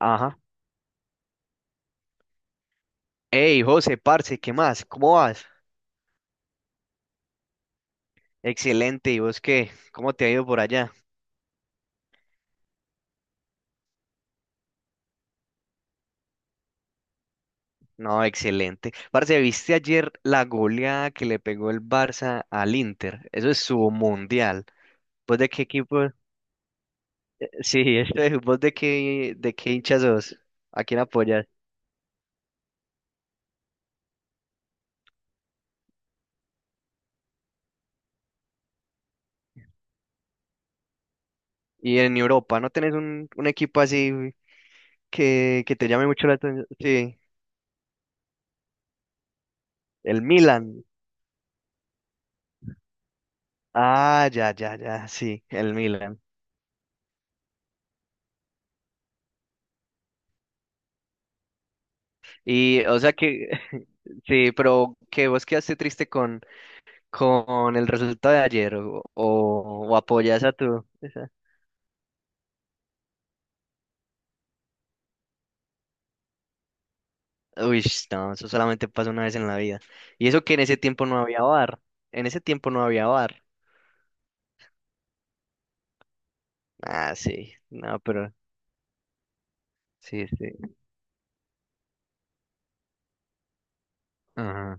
Ajá. Hey, José, parce, ¿qué más? ¿Cómo vas? Excelente, ¿y vos qué? ¿Cómo te ha ido por allá? No, excelente. Parce, ¿viste ayer la goleada que le pegó el Barça al Inter? Eso es su mundial. ¿Vos de qué equipo? Sí, ¿Vos de qué hincha sos? ¿A quién apoyas? Y en Europa, ¿no tenés un equipo así que te llame mucho la atención? Sí, el Milan. Ah, ya, ya, ya, sí, el Milan. Y, o sea que, sí, pero que vos quedaste triste con el resultado de ayer o apoyas a tu... Uy, no, eso solamente pasa una vez en la vida. Y eso que en ese tiempo no había bar. En ese tiempo no había bar. Ah, sí, no, pero sí, sí. Ajá.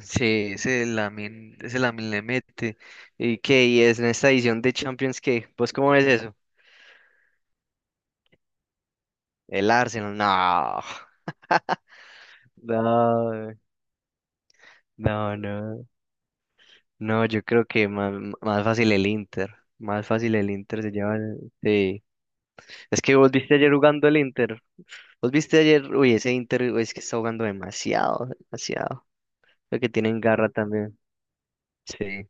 Sí, ese Lamin le mete. ¿Y qué? ¿Y es en esta edición de Champions qué? ¿Vos cómo ves eso? El Arsenal, no. No, no, no. No, yo creo que más, más fácil el Inter. Más fácil el Inter se lleva. Sí. Es que vos viste ayer jugando el Inter. Vos viste ayer. Uy, ese Inter uy, es que está jugando demasiado, demasiado. Creo que tienen garra también. Sí.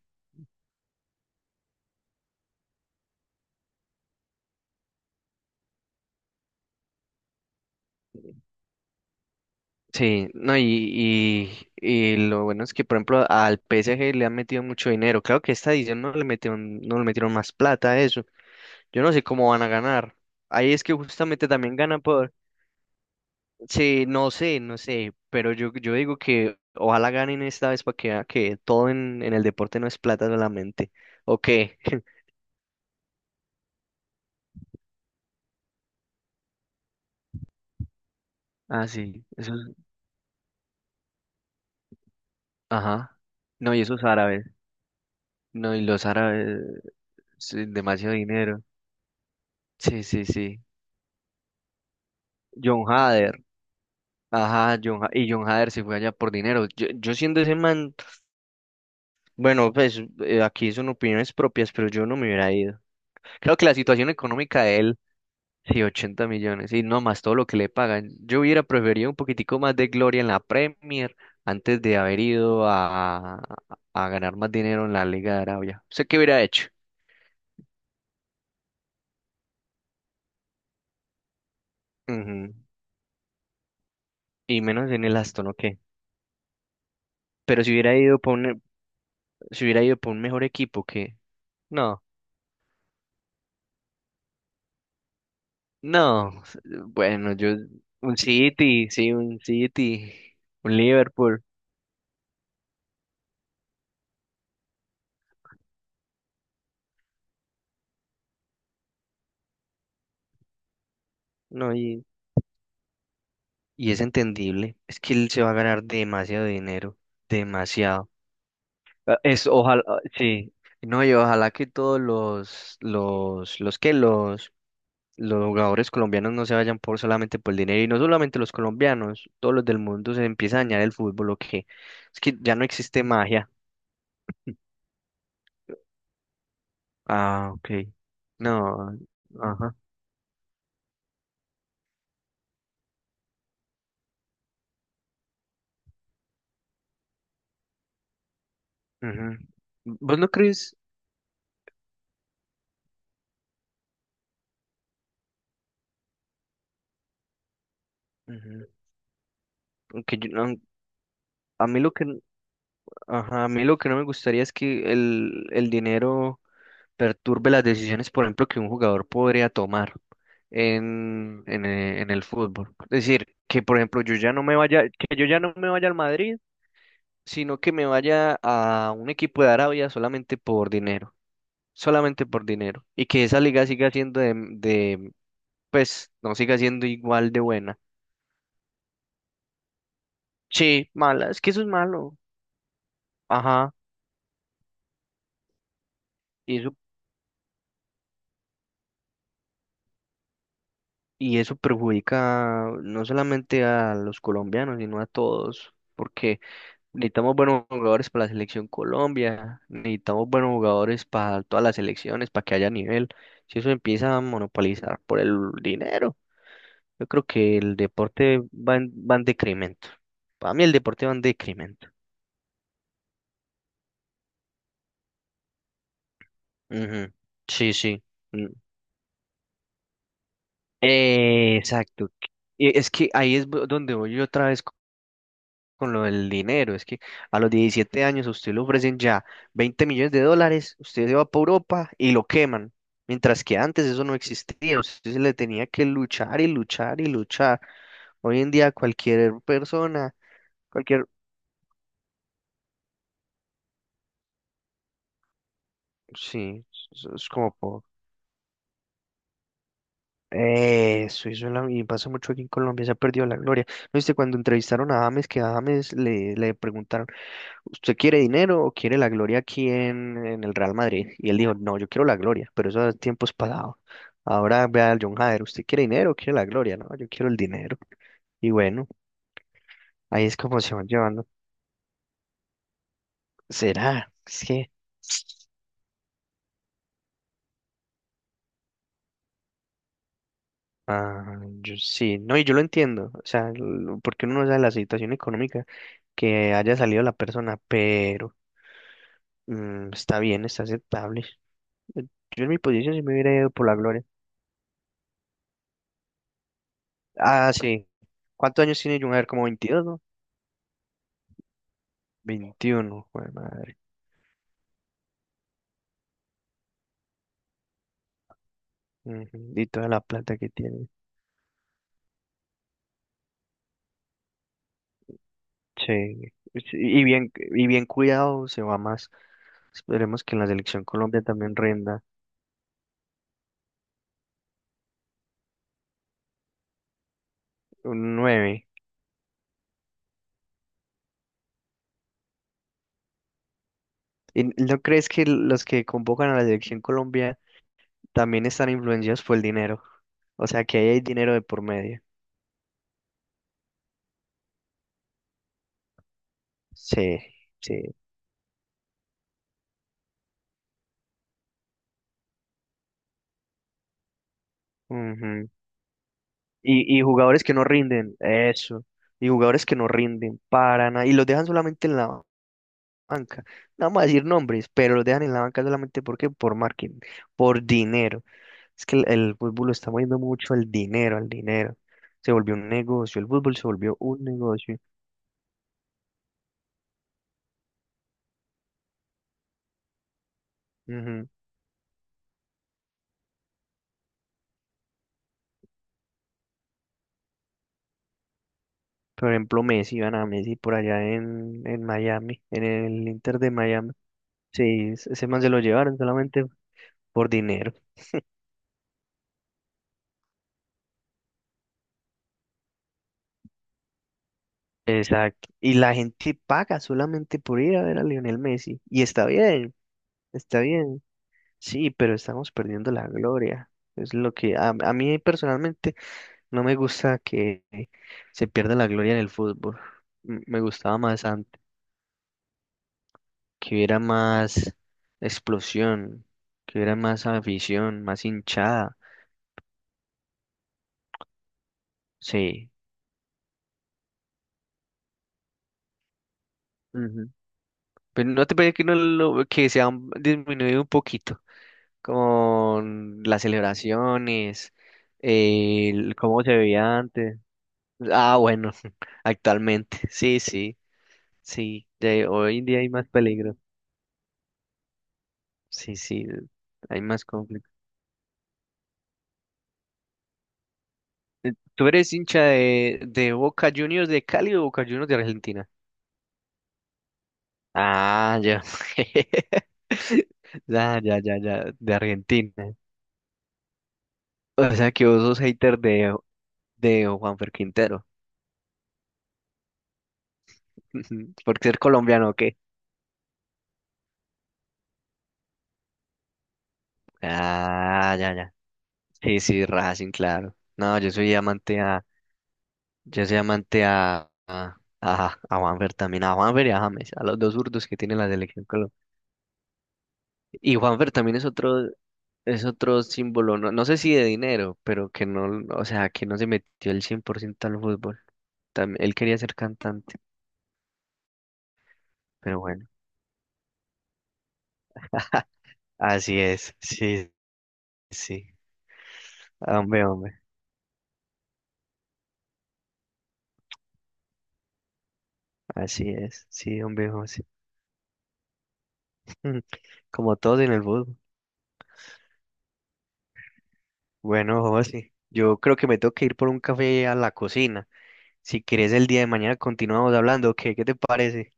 Sí, no, y lo bueno es que, por ejemplo, al PSG le han metido mucho dinero. Claro que esta edición no le metieron, no le metieron más plata a eso. Yo no sé cómo van a ganar. Ahí es que justamente también ganan. Sí, no sé, pero yo digo que ojalá ganen esta vez para que vea que todo en el deporte no es plata solamente. ¿O qué? Ah, sí, esos, ajá. No, y esos árabes. No, y los árabes, sí, demasiado dinero. Sí, sí, sí. John Hader. Ajá, y John Hader se fue allá por dinero. Yo siendo ese man, bueno, aquí son opiniones propias, pero yo no me hubiera ido. Creo que la situación económica de él. Sí, 80 millones. Y no más todo lo que le pagan. Yo hubiera preferido un poquitico más de gloria en la Premier antes de haber a ganar más dinero en la Liga de Arabia. ¿Usted qué hubiera hecho? Ujú. Y menos en el Aston, ¿o qué? Pero si hubiera ido por un, Si hubiera ido por un mejor equipo, ¿qué? No, no. Bueno, yo un City, un Liverpool. No, y es entendible. Es que él se va a ganar demasiado dinero, demasiado. Ah, es, ojalá, ah, sí. No, y ojalá que todos los que los jugadores colombianos no se vayan por solamente por el dinero, y no solamente los colombianos, todos los del mundo se empieza a dañar el fútbol, o que es que ya no existe magia. Ah, ok. No, ajá. Ujú. ¿Vos no crees? Ujú, aunque yo no- a mí lo que, ajá, a mí lo que no me gustaría es que el dinero perturbe las decisiones, por ejemplo, que un jugador podría tomar en el fútbol. Es decir, que por ejemplo yo ya no me vaya, que yo ya no me vaya al Madrid, sino que me vaya a un equipo de Arabia solamente por dinero, y que esa liga siga siendo pues, no siga siendo igual de buena. Sí, mala, es que eso es malo. Ajá, y eso, y eso perjudica no solamente a los colombianos, sino a todos, porque necesitamos buenos jugadores para la selección Colombia, necesitamos buenos jugadores para todas las selecciones, para que haya nivel. Si eso empieza a monopolizar por el dinero, yo creo que el deporte va en decremento. Para mí el deporte va en decremento. Ujú, sí, sí. Mm. Exacto. Y es que donde voy yo otra vez con lo del dinero. Es que a los 17 años a usted le ofrecen ya $20 millones, usted se va para Europa y lo queman. Mientras que antes eso no existía, usted se le tenía que luchar y luchar y luchar. Hoy en día cualquier persona, cualquier, sí, es es como po- y pasa mucho aquí en Colombia, se ha perdido la gloria. ¿No viste cuando entrevistaron a James, que a le preguntaron, ¿usted quiere dinero o quiere la gloria aquí en el Real Madrid? Y él dijo, no, yo quiero la gloria, pero eso es tiempos pasados. Ahora vea al John Hader, ¿usted quiere dinero o quiere la gloria? No, yo quiero el dinero. Y bueno, ahí es como se van llevando. ¿Será? Es que... Ah, yo sí, no, y yo lo entiendo, porque uno no sabe la situación económica que haya salido la persona, pero... Mm, está bien, está aceptable. Eh, Yo en mi posición sí me hubiera ido por la gloria. Ah, sí. ¿Cuántos años tiene Jung? A ver, como 22, ¿no? 21, joder, madre. Ujú, y toda la plata que tiene. Sí. Sí, y bien, y bien cuidado se va más. Esperemos que en la selección Colombia también rinda. Un nueve. ¿Y no crees que los que convocan a la selección Colombia también están influenciados por el dinero? O sea, que ahí hay dinero de por medio. Sí, sí. Ujú. Y jugadores que no rinden, eso. Y jugadores que no rinden para nada. Y los dejan solamente en la banca. No vamos a decir nombres, pero los dejan en la banca solamente porque por marketing, por dinero. Es que el fútbol lo está moviendo mucho al dinero, al dinero. Se volvió un negocio, el fútbol se volvió un negocio. Ujú. Por ejemplo, Messi, van a Messi por allá en Miami, en el Inter de Miami. Sí, ese man se lo llevaron solamente por dinero. Exacto. Y la gente paga solamente por ir a ver a Lionel Messi. Y está bien, está bien. Sí, pero estamos perdiendo la gloria. Es lo que a mí personalmente no me gusta que se pierda la gloria en el fútbol. Me gustaba más antes, que hubiera más explosión, que hubiera más afición, más hinchada. Sí. Ujú. Pero no te parece que, no lo, que se han disminuido un poquito con las celebraciones, cómo se veía antes. Ah, bueno, actualmente, sí, de hoy en día hay más peligro, sí, sí, hay más conflicto. ¿Tú eres hincha de Boca Juniors de Cali o Boca Juniors de Argentina? Ah, ya. Ya, ya, ya, ya, de Argentina. O sea que vos sos hater de Juanfer Quintero. ¿Por ser colombiano o qué? Ah, ya, ya. Sí, sí, Racing, claro. No, yo soy amante a, yo soy amante a Juanfer también, a Juanfer y a James, a los dos zurdos que tiene la selección Colombia. Y Juanfer también es es otro símbolo, no sé si de dinero, pero que no, o sea, que no se metió el 100% al fútbol. También, él quería ser cantante, pero bueno, así es, sí, sí. Hombre, hombre, así es, sí, hombre, hombre, sí. Como todos en el fútbol. Bueno, José, yo creo que me tengo que ir por un café a la cocina. Si quieres el día de mañana continuamos hablando, ¿qué te parece?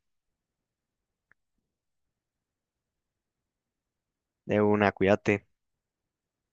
De una, cuídate.